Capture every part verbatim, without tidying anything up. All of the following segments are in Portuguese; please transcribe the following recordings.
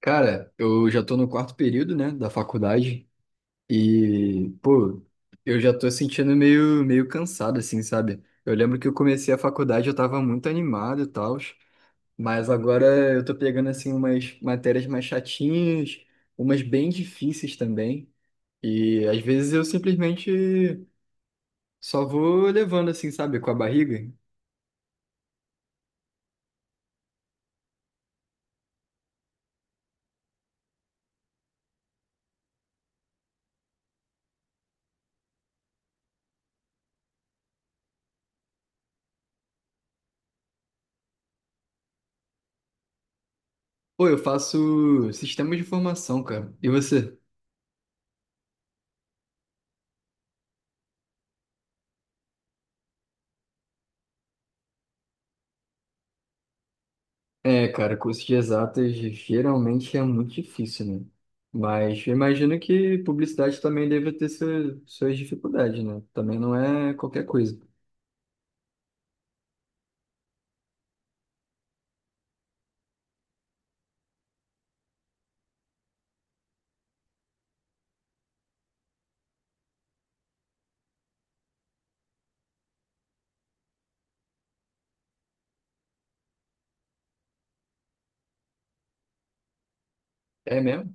Cara, eu já tô no quarto período, né, da faculdade e, pô, eu já tô sentindo meio, meio cansado, assim, sabe? Eu lembro que eu comecei a faculdade, eu tava muito animado e tal, mas agora eu tô pegando, assim, umas matérias mais chatinhas, umas bem difíceis também, e às vezes eu simplesmente só vou levando, assim, sabe, com a barriga. Pô, eu faço sistemas de informação, cara, e você? É, cara, curso de exatas geralmente é muito difícil, né? Mas eu imagino que publicidade também deve ter seu, suas dificuldades, né? Também não é qualquer coisa. É mesmo?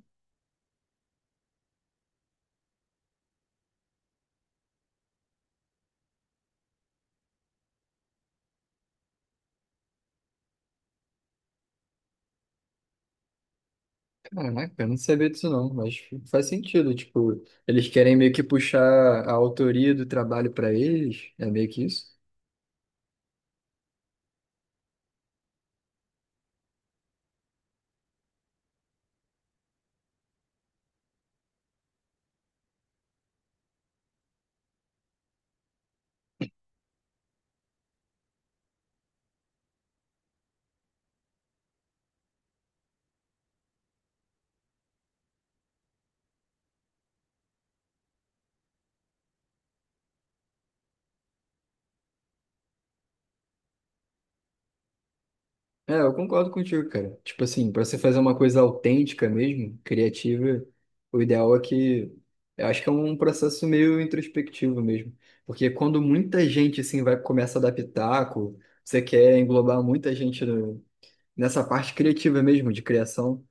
Caraca, eu não sabia disso não, mas faz sentido. Tipo, eles querem meio que puxar a autoria do trabalho pra eles, é meio que isso? É, eu concordo contigo, cara. Tipo assim, pra você fazer uma coisa autêntica mesmo, criativa, o ideal é que. Eu acho que é um processo meio introspectivo mesmo. Porque quando muita gente, assim, vai começa a dar pitaco, você quer englobar muita gente no- nessa parte criativa mesmo, de criação.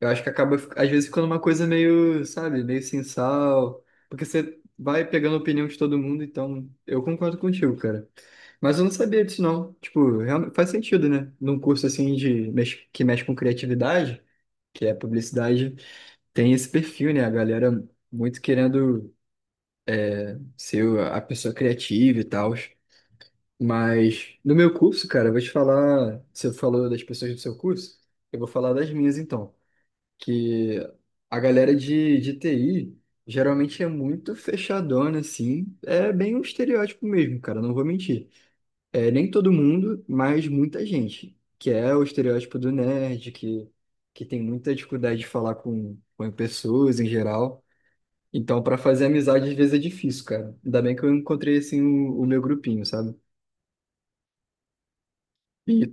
Eu acho que acaba, fi- às vezes, ficando uma coisa meio, sabe, meio sem sal, porque você vai pegando a opinião de todo mundo, então eu concordo contigo, cara. Mas eu não sabia disso, não. Tipo, realmente faz sentido, né? Num curso assim de mex- que mexe com criatividade, que é publicidade, tem esse perfil, né? A galera muito querendo ser a pessoa criativa e tal. Mas no meu curso, cara, eu vou te falar. Você falou das pessoas do seu curso, eu vou falar das minhas então que a galera de, de T I geralmente é muito fechadona, assim. É bem um estereótipo mesmo, cara, não vou mentir. É, nem todo mundo, mas muita gente, que é o estereótipo do nerd, que, que tem muita dificuldade de falar com, com pessoas em geral. Então, para fazer amizade, às vezes é difícil, cara. Ainda bem que eu encontrei, assim, o, o meu grupinho, sabe? E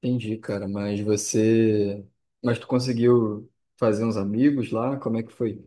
entendi, cara, mas você... Mas tu conseguiu fazer uns amigos lá? Como é que foi?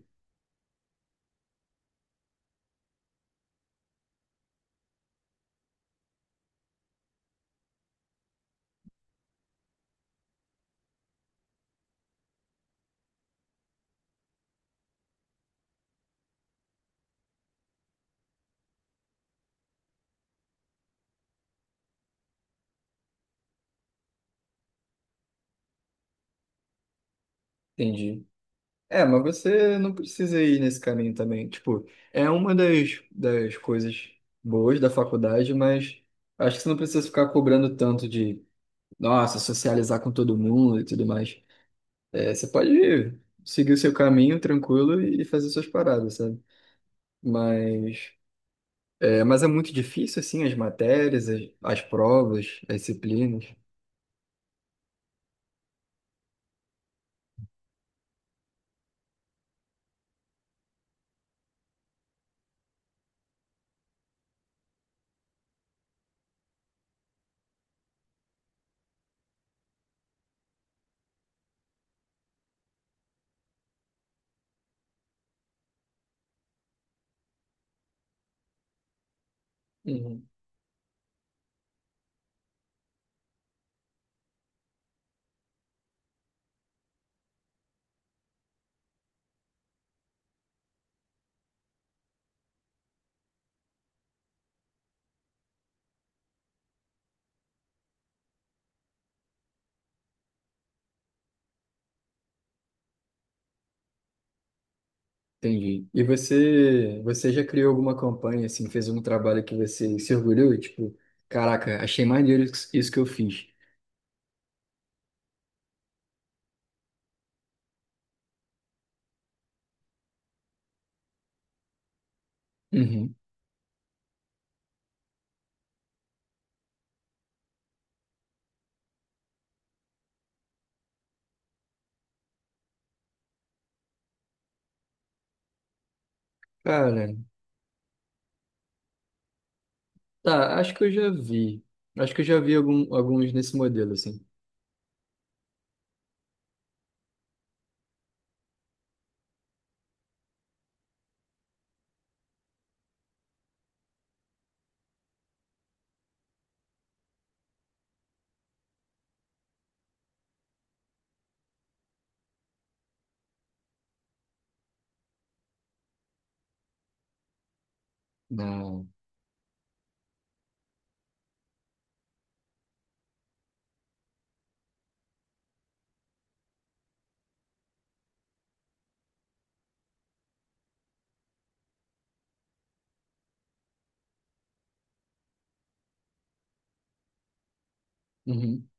Entendi. É, mas você não precisa ir nesse caminho também. Tipo, é uma das, das coisas boas da faculdade, mas acho que você não precisa ficar cobrando tanto de, nossa, socializar com todo mundo e tudo mais. É, você pode seguir o seu caminho tranquilo e fazer suas paradas, sabe? Mas é, mas é muito difícil, assim, as matérias, as, as provas, as disciplinas. Entendi. E você, você já criou alguma campanha, assim, fez algum trabalho que você se orgulhou? E tipo, caraca, achei maneiro isso isso que eu fiz. Uhum. Cara, tá, acho que eu já vi. Acho que eu já vi algum- alguns nesse modelo, assim. Na... Uhum.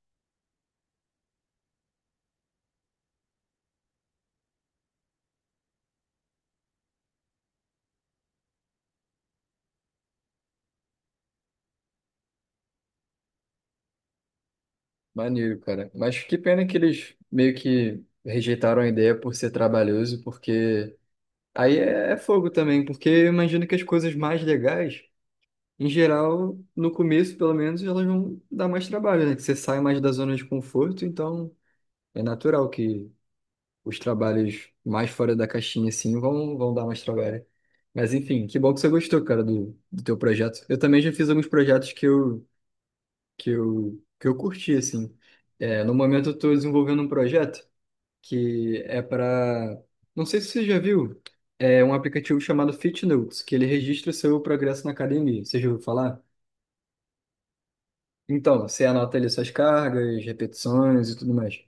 Maneiro, cara. Mas que pena que eles meio que rejeitaram a ideia por ser trabalhoso, porque aí é, é fogo também, porque eu imagino que as coisas mais legais, em geral, no começo, pelo menos, elas vão dar mais trabalho, né? Que você sai mais da zona de conforto, então é natural que os trabalhos mais fora da caixinha, assim, vão, vão dar mais trabalho. Mas, enfim, que bom que você gostou, cara, do, do teu projeto. Eu também já fiz alguns projetos que eu, que eu, que eu curti, assim. É, no momento, eu estou desenvolvendo um projeto que é para... Não sei se você já viu, é um aplicativo chamado FitNotes, que ele registra o seu progresso na academia. Você já ouviu falar? Então, você anota ali suas cargas, repetições e tudo mais.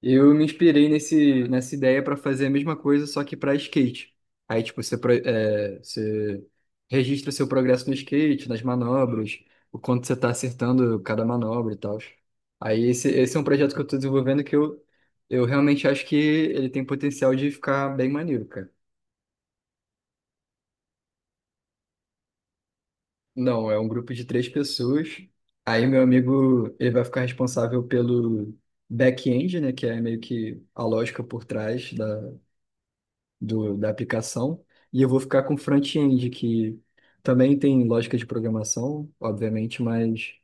Eu me inspirei nesse, nessa ideia para fazer a mesma coisa, só que para skate. Aí, tipo, você, pro- é, você registra seu progresso no skate, nas manobras, o quanto você está acertando cada manobra e tal. Aí, esse, esse é um projeto que eu estou desenvolvendo que eu, eu realmente acho que ele tem potencial de ficar bem maneiro, cara. Não, é um grupo de três pessoas. Aí meu amigo, ele vai ficar responsável pelo back-end, né, que é meio que a lógica por trás da, do, da aplicação. E eu vou ficar com o front-end, que também tem lógica de programação, obviamente, mas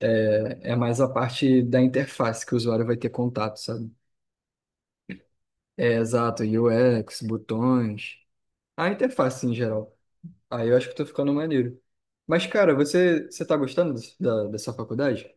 é, é mais a parte da interface que o usuário vai ter contato, sabe? É, exato, U X, botões, a interface em geral. Aí eu acho que tô ficando maneiro. Mas, cara, você, você tá gostando da, da sua faculdade?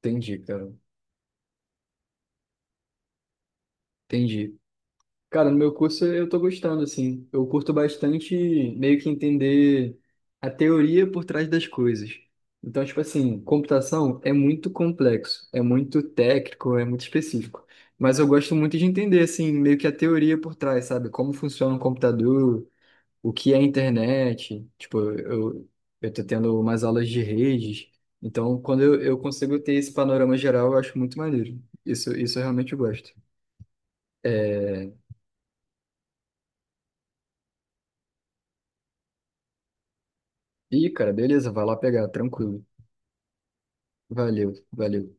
Entendi, cara. Entendi. Cara, no meu curso eu tô gostando, assim. Eu curto bastante meio que entender a teoria por trás das coisas. Então, tipo assim, computação é muito complexo, é muito técnico, é muito específico. Mas eu gosto muito de entender, assim, meio que a teoria por trás, sabe? Como funciona um computador, o que é a internet. Tipo, eu, eu tô tendo umas aulas de redes. Então, quando eu, eu consigo ter esse panorama geral, eu acho muito maneiro. Isso, isso eu realmente gosto. É... Ih, cara, beleza, vai lá pegar, tranquilo. Valeu, valeu.